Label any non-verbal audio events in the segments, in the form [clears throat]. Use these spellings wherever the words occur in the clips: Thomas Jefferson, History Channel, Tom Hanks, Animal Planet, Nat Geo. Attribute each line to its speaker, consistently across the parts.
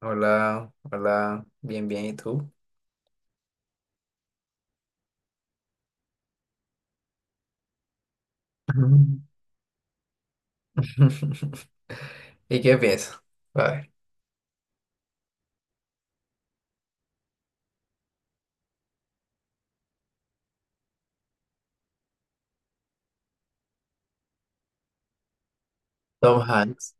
Speaker 1: Hola, hola, bien, bien, ¿y tú? Ujú. [laughs] ¿Y qué piensas? A ver, Tom Hanks.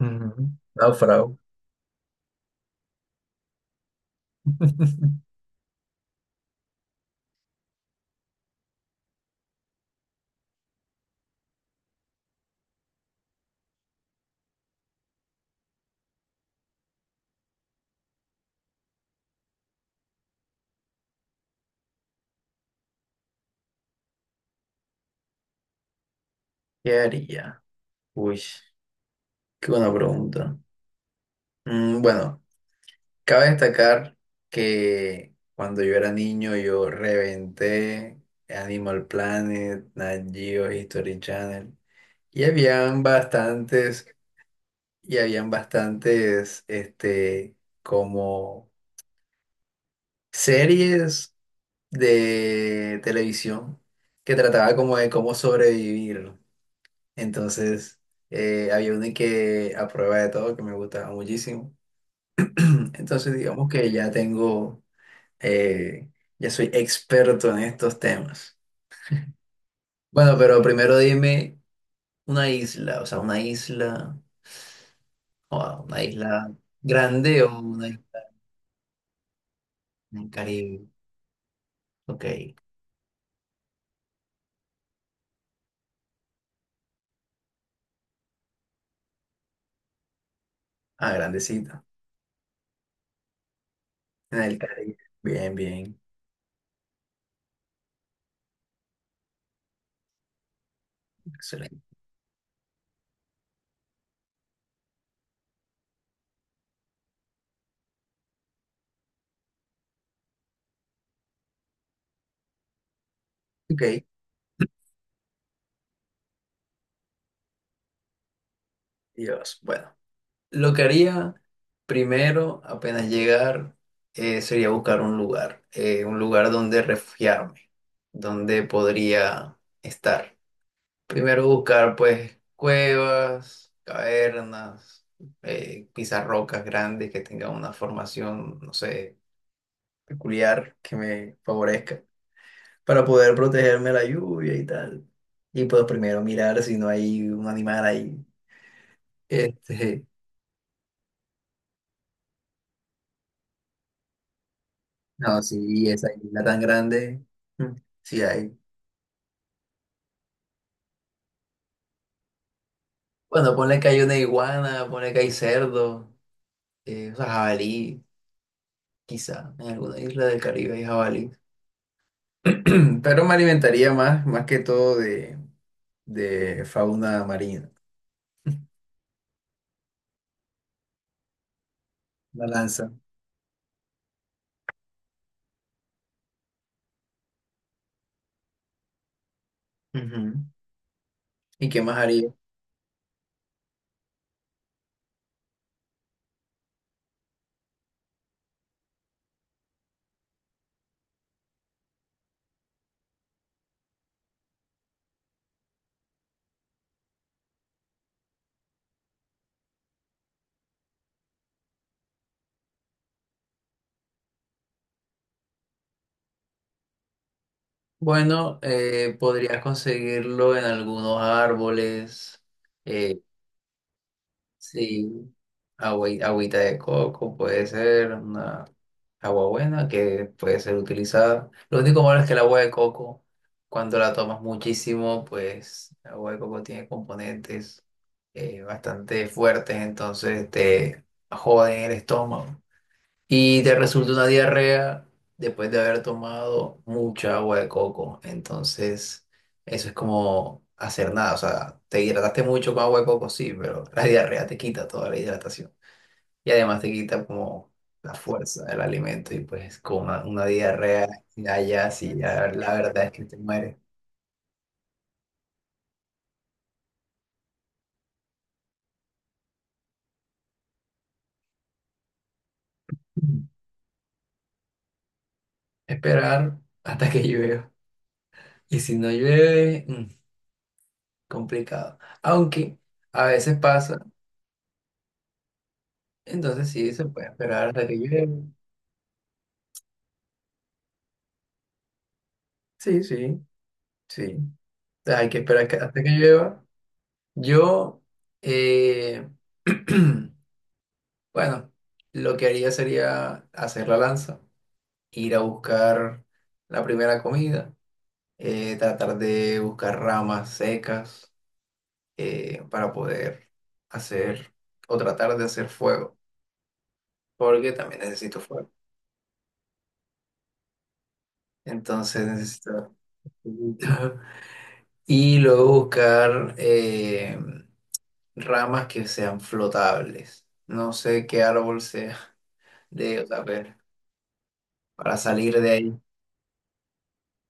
Speaker 1: Ujú. Náufrago. [laughs] ¿Qué haría? Uy, qué buena pregunta. Bueno, cabe destacar que cuando yo era niño yo reventé Animal Planet, Nat Geo, History Channel y habían bastantes, y habían bastantes, como series de televisión que trataba como de cómo sobrevivir. Entonces, había una que a prueba de todo que me gustaba muchísimo. [clears throat] Entonces, digamos que ya tengo, eh, ya soy experto en estos temas. Bueno, pero primero dime una isla, o sea, una isla, o una isla grande o una isla en el Caribe. Ok, ah, grandecita, en el Caribe. Bien, bien, excelente. Ok. Dios, bueno, lo que haría primero, apenas llegar, sería buscar un lugar donde refugiarme, donde podría estar. Primero buscar, pues, cuevas, cavernas, quizás rocas grandes que tengan una formación, no sé, peculiar que me favorezca, para poder protegerme de la lluvia y tal. Y pues primero mirar si no hay un animal ahí. [laughs] Este, No, sí, esa isla tan grande, mm, sí hay. Bueno, ponle que hay una iguana, ponle que hay cerdo, o sea, jabalí, quizá, en alguna isla del Caribe hay jabalí. [clears throat] Pero me alimentaría más, más que todo de fauna marina, la lanza. Ujú. ¿Y qué más haría? Bueno, podrías conseguirlo en algunos árboles, eh, Sí, agüita de coco puede ser una agua buena que puede ser utilizada. Lo único malo es que el agua de coco, cuando la tomas muchísimo, pues el agua de coco tiene componentes bastante fuertes, entonces te joden el estómago y te resulta una diarrea después de haber tomado mucha agua de coco. Entonces, eso es como hacer nada. O sea, te hidrataste mucho con agua de coco, sí, pero la diarrea te quita toda la hidratación. Y además te quita como la fuerza del alimento y pues con una diarrea allá, sí, ya la verdad es que te mueres. Mm. Esperar hasta que llueva. Y si no llueve, complicado. Aunque a veces pasa, entonces sí, se puede esperar hasta que llueva. Sí, sí, sí. Hay que esperar hasta que llueva. Yo, eh, [clears throat] bueno, lo que haría sería hacer la lanza, ir a buscar la primera comida, tratar de buscar ramas secas para poder hacer o tratar de hacer fuego, porque también necesito fuego. Entonces necesito... [laughs] Y luego buscar... ramas que sean flotables. No sé qué árbol sea [laughs] o sea, ver, para salir de ahí.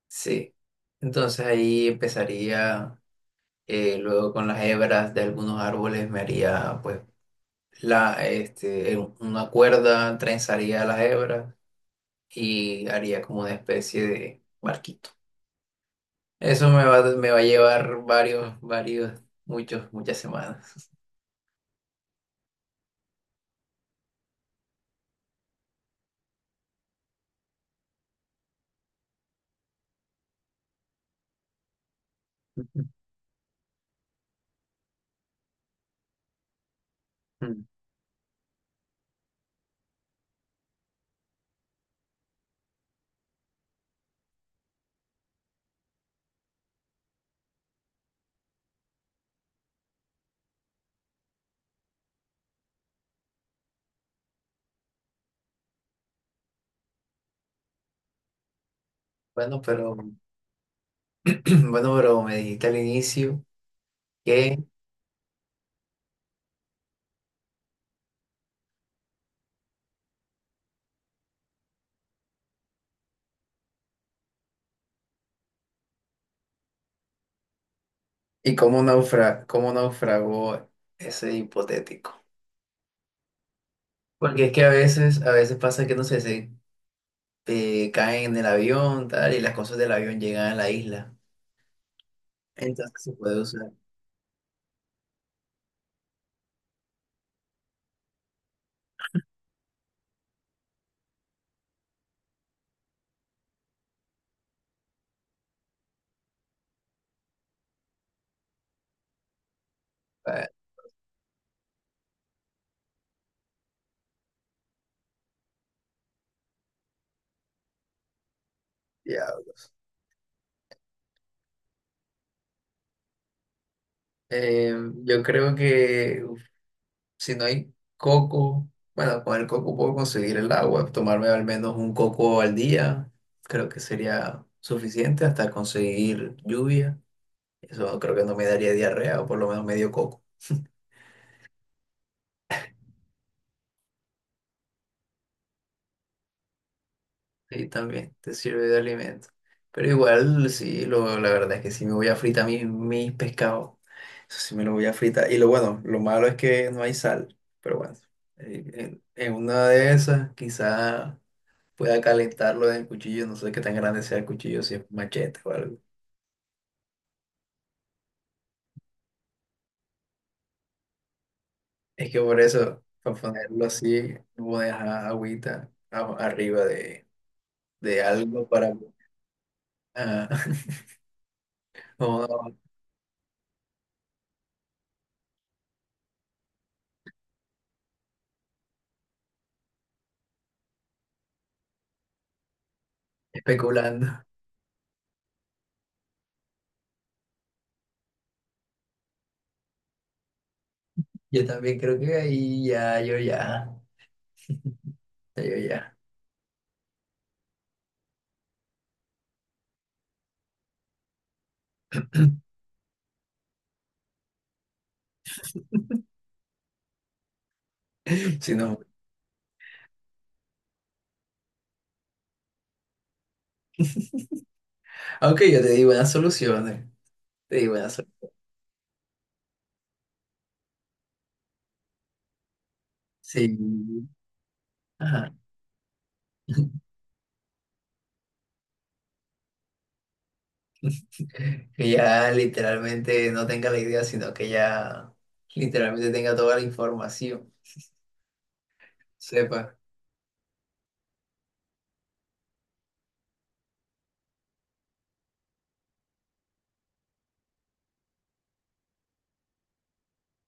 Speaker 1: Sí. Entonces ahí empezaría, luego con las hebras de algunos árboles me haría, pues, una cuerda, trenzaría las hebras y haría como una especie de barquito. Eso me va a llevar varios, varios, muchos, muchas semanas. [laughs] Bueno, pero, [clears throat] bueno, pero me dijiste al inicio. Que ¿y cómo cómo naufragó ese hipotético? Porque es que a veces pasa que no sé, se caen en el avión, tal, y las cosas del avión llegan a la isla. Entonces se puede usar para diablos. Eh, yo creo que uf, si no hay coco, bueno, con el coco puedo conseguir el agua, tomarme al menos un coco al día, creo que sería suficiente hasta conseguir lluvia. Eso creo que no me daría diarrea, o por lo menos medio coco. Sí, también te sirve de alimento. Pero igual, sí, la verdad es que sí me voy a fritar mis pescados. Eso sí me lo voy a fritar. Y lo bueno, lo malo es que no hay sal. Pero bueno, en una de esas quizá pueda calentarlo en el cuchillo. No sé qué tan grande sea el cuchillo, si es machete o algo. Es que por eso, para ponerlo así, no voy a dejar arriba de algo para... ah, [laughs] como especulando. Yo también creo que ahí ya, yo ya. [clears throat] Si no, aunque yo te di buenas soluciones, te di buenas soluciones. Sí, ajá. [laughs] Que ya literalmente no tenga la idea, sino que ya literalmente tenga toda la información, sepa.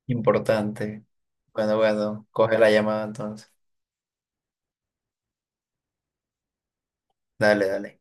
Speaker 1: Importante. Bueno, bueno, coge la llamada entonces. Dale, dale.